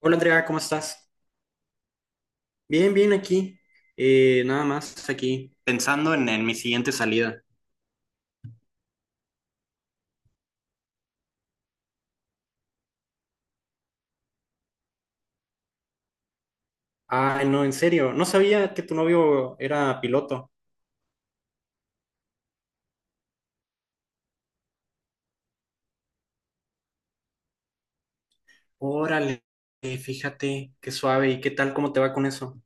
Hola Andrea, ¿cómo estás? Bien, bien aquí. Nada más aquí, pensando en mi siguiente salida. Ay, no, en serio, no sabía que tu novio era piloto. Órale, fíjate, qué suave. ¿Y qué tal? ¿Cómo te va con eso?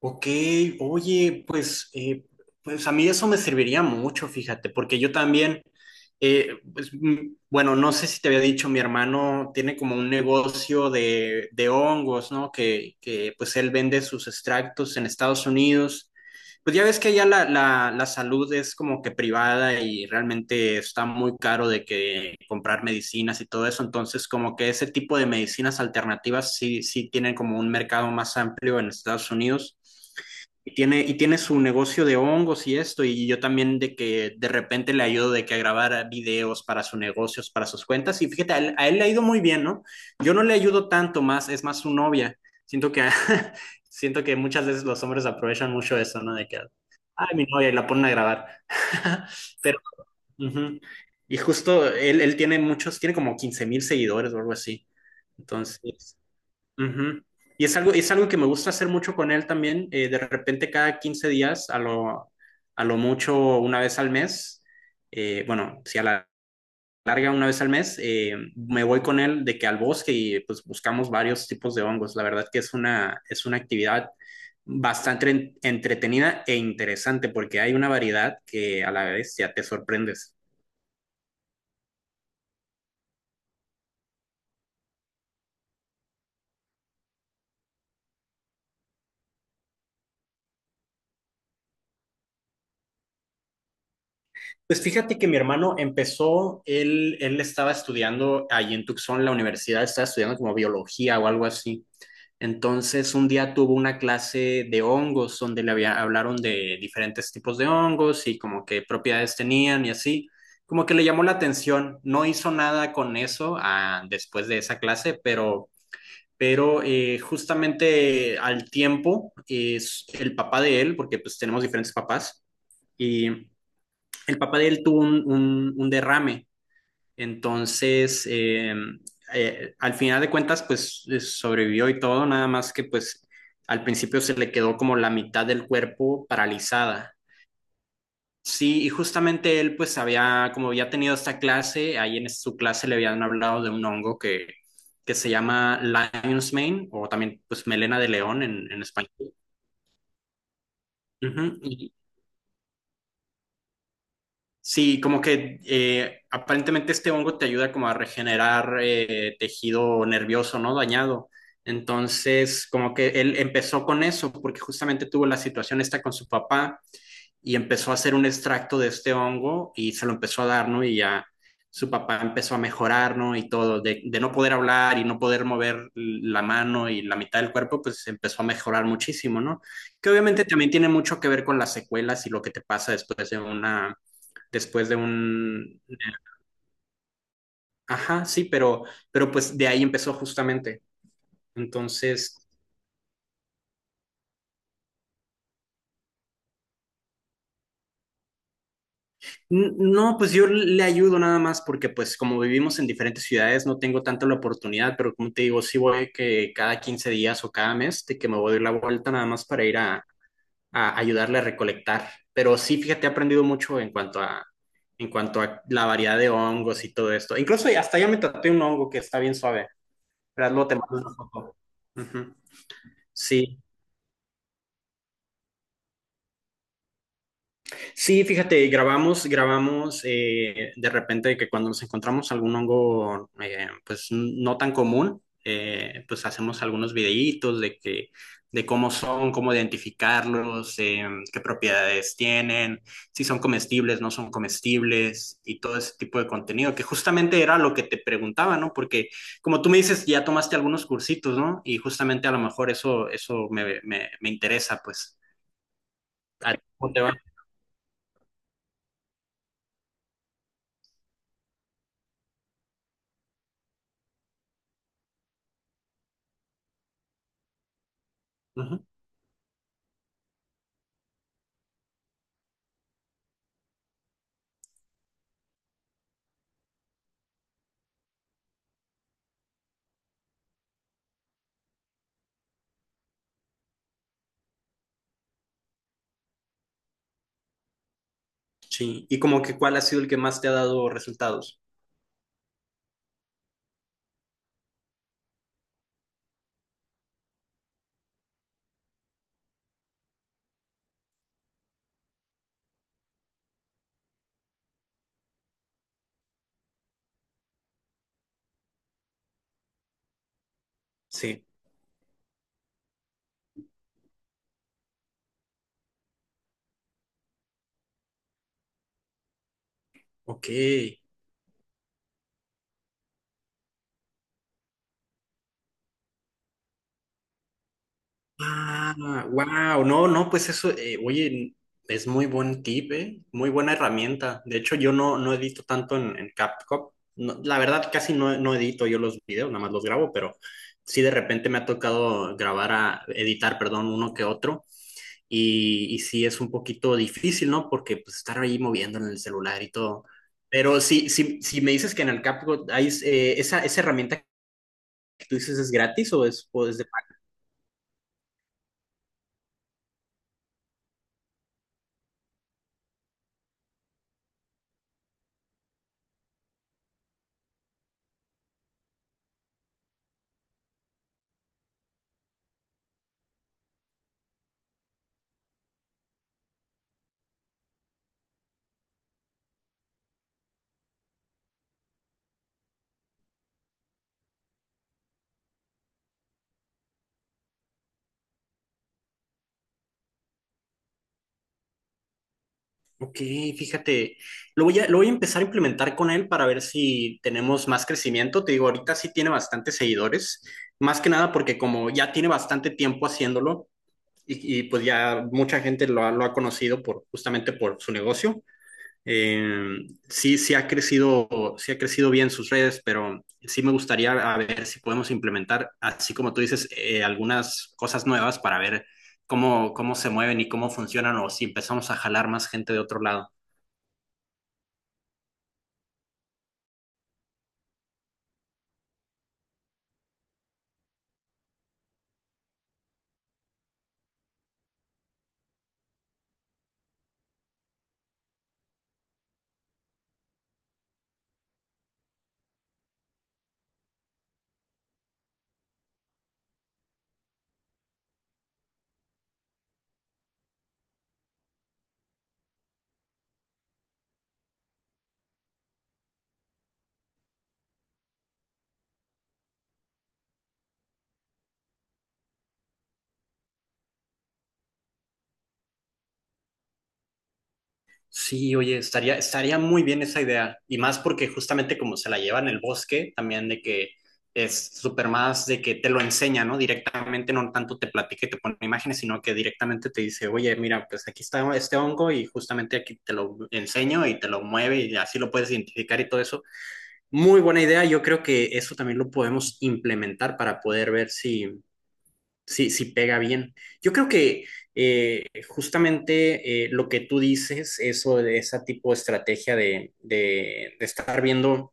Ok, oye, pues a mí eso me serviría mucho, fíjate, porque yo también, bueno, no sé si te había dicho, mi hermano tiene como un negocio de hongos, ¿no? Que pues él vende sus extractos en Estados Unidos, pues ya ves que ya la salud es como que privada y realmente está muy caro de que comprar medicinas y todo eso, entonces como que ese tipo de medicinas alternativas sí, sí tienen como un mercado más amplio en Estados Unidos. Y tiene su negocio de hongos y esto, y yo también de que de repente le ayudo de que a grabar videos para sus negocios, para sus cuentas, y fíjate, a él le ha ido muy bien, ¿no? Yo no le ayudo tanto, más es más su novia. Siento que a, Siento que muchas veces los hombres aprovechan mucho eso, ¿no? De que, ay, mi novia, y la ponen a grabar. Pero, ujú. Y justo él tiene muchos, tiene como 15,000 seguidores o algo así. Entonces, ujú. Y es algo que me gusta hacer mucho con él también. De repente, cada 15 días, a lo mucho una vez al mes, bueno, si a la larga una vez al mes, me voy con él de que al bosque y pues buscamos varios tipos de hongos. La verdad que es una actividad bastante entretenida e interesante porque hay una variedad que a la vez ya te sorprendes. Pues fíjate que mi hermano empezó, él estaba estudiando allí en Tucson, la universidad, estaba estudiando como biología o algo así. Entonces, un día tuvo una clase de hongos donde le había, hablaron de diferentes tipos de hongos y como qué propiedades tenían y así. Como que le llamó la atención. No hizo nada con eso ah, después de esa clase, pero, pero justamente al tiempo es el papá de él, porque pues tenemos diferentes papás, y el papá de él tuvo un derrame. entonces, eh, Al final de cuentas, pues sobrevivió y todo, nada más que pues al principio se le quedó como la mitad del cuerpo paralizada. Sí, y justamente él pues había, como había tenido esta clase, ahí en su clase le habían hablado de un hongo que se llama Lion's Mane o también pues melena de león en español. Ujú. Sí, como que aparentemente este hongo te ayuda como a regenerar tejido nervioso, ¿no? Dañado. Entonces, como que él empezó con eso porque justamente tuvo la situación esta con su papá y empezó a hacer un extracto de este hongo y se lo empezó a dar, ¿no? Y ya su papá empezó a mejorar, ¿no? Y todo, de no poder hablar y no poder mover la mano y la mitad del cuerpo, pues empezó a mejorar muchísimo, ¿no? Que obviamente también tiene mucho que ver con las secuelas y lo que te pasa después de una después de un... Ajá, sí, pero pues de ahí empezó justamente. Entonces, no, pues yo le ayudo nada más porque pues como vivimos en diferentes ciudades no tengo tanto la oportunidad, pero como te digo, sí voy que cada 15 días o cada mes de que me voy a dar la vuelta nada más para ir a ayudarle a recolectar. Pero sí, fíjate, he aprendido mucho en cuanto en cuanto a la variedad de hongos y todo esto. Incluso hasta ya me traté un hongo que está bien suave, pero luego te mando una foto. Ujú. Sí. Sí, fíjate, grabamos de repente que cuando nos encontramos algún hongo, pues no tan común, pues hacemos algunos videitos de que, de cómo son, cómo identificarlos, qué propiedades tienen, si son comestibles, no son comestibles y todo ese tipo de contenido, que justamente era lo que te preguntaba, ¿no? Porque como tú me dices, ya tomaste algunos cursitos, ¿no? Y justamente a lo mejor eso, me interesa, pues. ¿A ti cómo te va? Ujú. Sí, y como que cuál ha sido el que más te ha dado resultados. Sí, ok. Ah, wow, no, no, pues eso, oye, es muy buen tip, muy buena herramienta. De hecho, yo no, no edito tanto en CapCut. No, la verdad, casi no, no edito yo los videos, nada más los grabo, pero sí de repente me ha tocado grabar editar, perdón, uno que otro. Y sí es un poquito difícil, ¿no? Porque pues estar ahí moviendo en el celular y todo. Pero sí, sí, si me dices que en el CapCut hay esa herramienta que tú dices, ¿es gratis o es de pago? Ok, fíjate, lo voy lo voy a empezar a implementar con él para ver si tenemos más crecimiento. Te digo, ahorita sí tiene bastantes seguidores, más que nada porque como ya tiene bastante tiempo haciéndolo y pues ya mucha gente lo ha conocido por, justamente por su negocio. Eh, sí, sí ha crecido bien sus redes, pero sí me gustaría a ver si podemos implementar, así como tú dices, algunas cosas nuevas para ver cómo, cómo se mueven y cómo funcionan o si empezamos a jalar más gente de otro lado. Sí, oye, estaría, estaría muy bien esa idea. Y más porque justamente como se la lleva en el bosque, también de que es súper más de que te lo enseña, ¿no? Directamente, no tanto te platica y te pone imágenes, sino que directamente te dice, oye, mira, pues aquí está este hongo y justamente aquí te lo enseño y te lo mueve y así lo puedes identificar y todo eso. Muy buena idea. Yo creo que eso también lo podemos implementar para poder ver si sí, sí pega bien. Yo creo que justamente lo que tú dices, eso de esa tipo de estrategia de estar viendo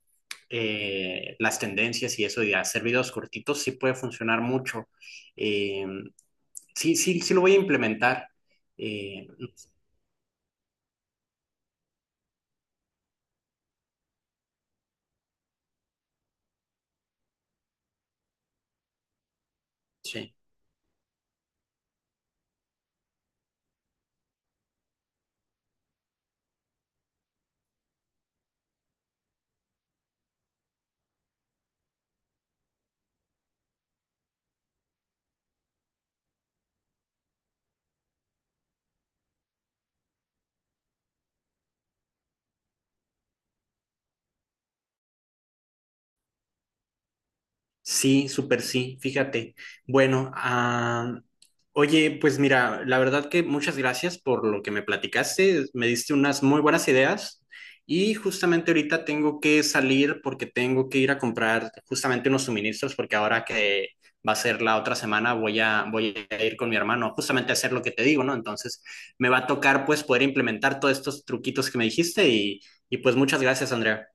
las tendencias y eso y hacer videos cortitos, sí puede funcionar mucho. Eh, sí, sí, sí lo voy a implementar. Eh, sí. Sí, súper sí, fíjate. Bueno, ah, oye, pues mira, la verdad que muchas gracias por lo que me platicaste, me diste unas muy buenas ideas y justamente ahorita tengo que salir porque tengo que ir a comprar justamente unos suministros porque ahora que va a ser la otra semana voy voy a ir con mi hermano justamente a hacer lo que te digo, ¿no? Entonces me va a tocar pues poder implementar todos estos truquitos que me dijiste y pues muchas gracias, Andrea.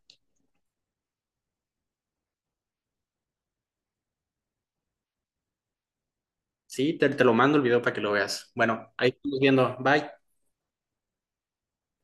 Sí, te lo mando el video para que lo veas. Bueno, ahí estamos viendo. Bye.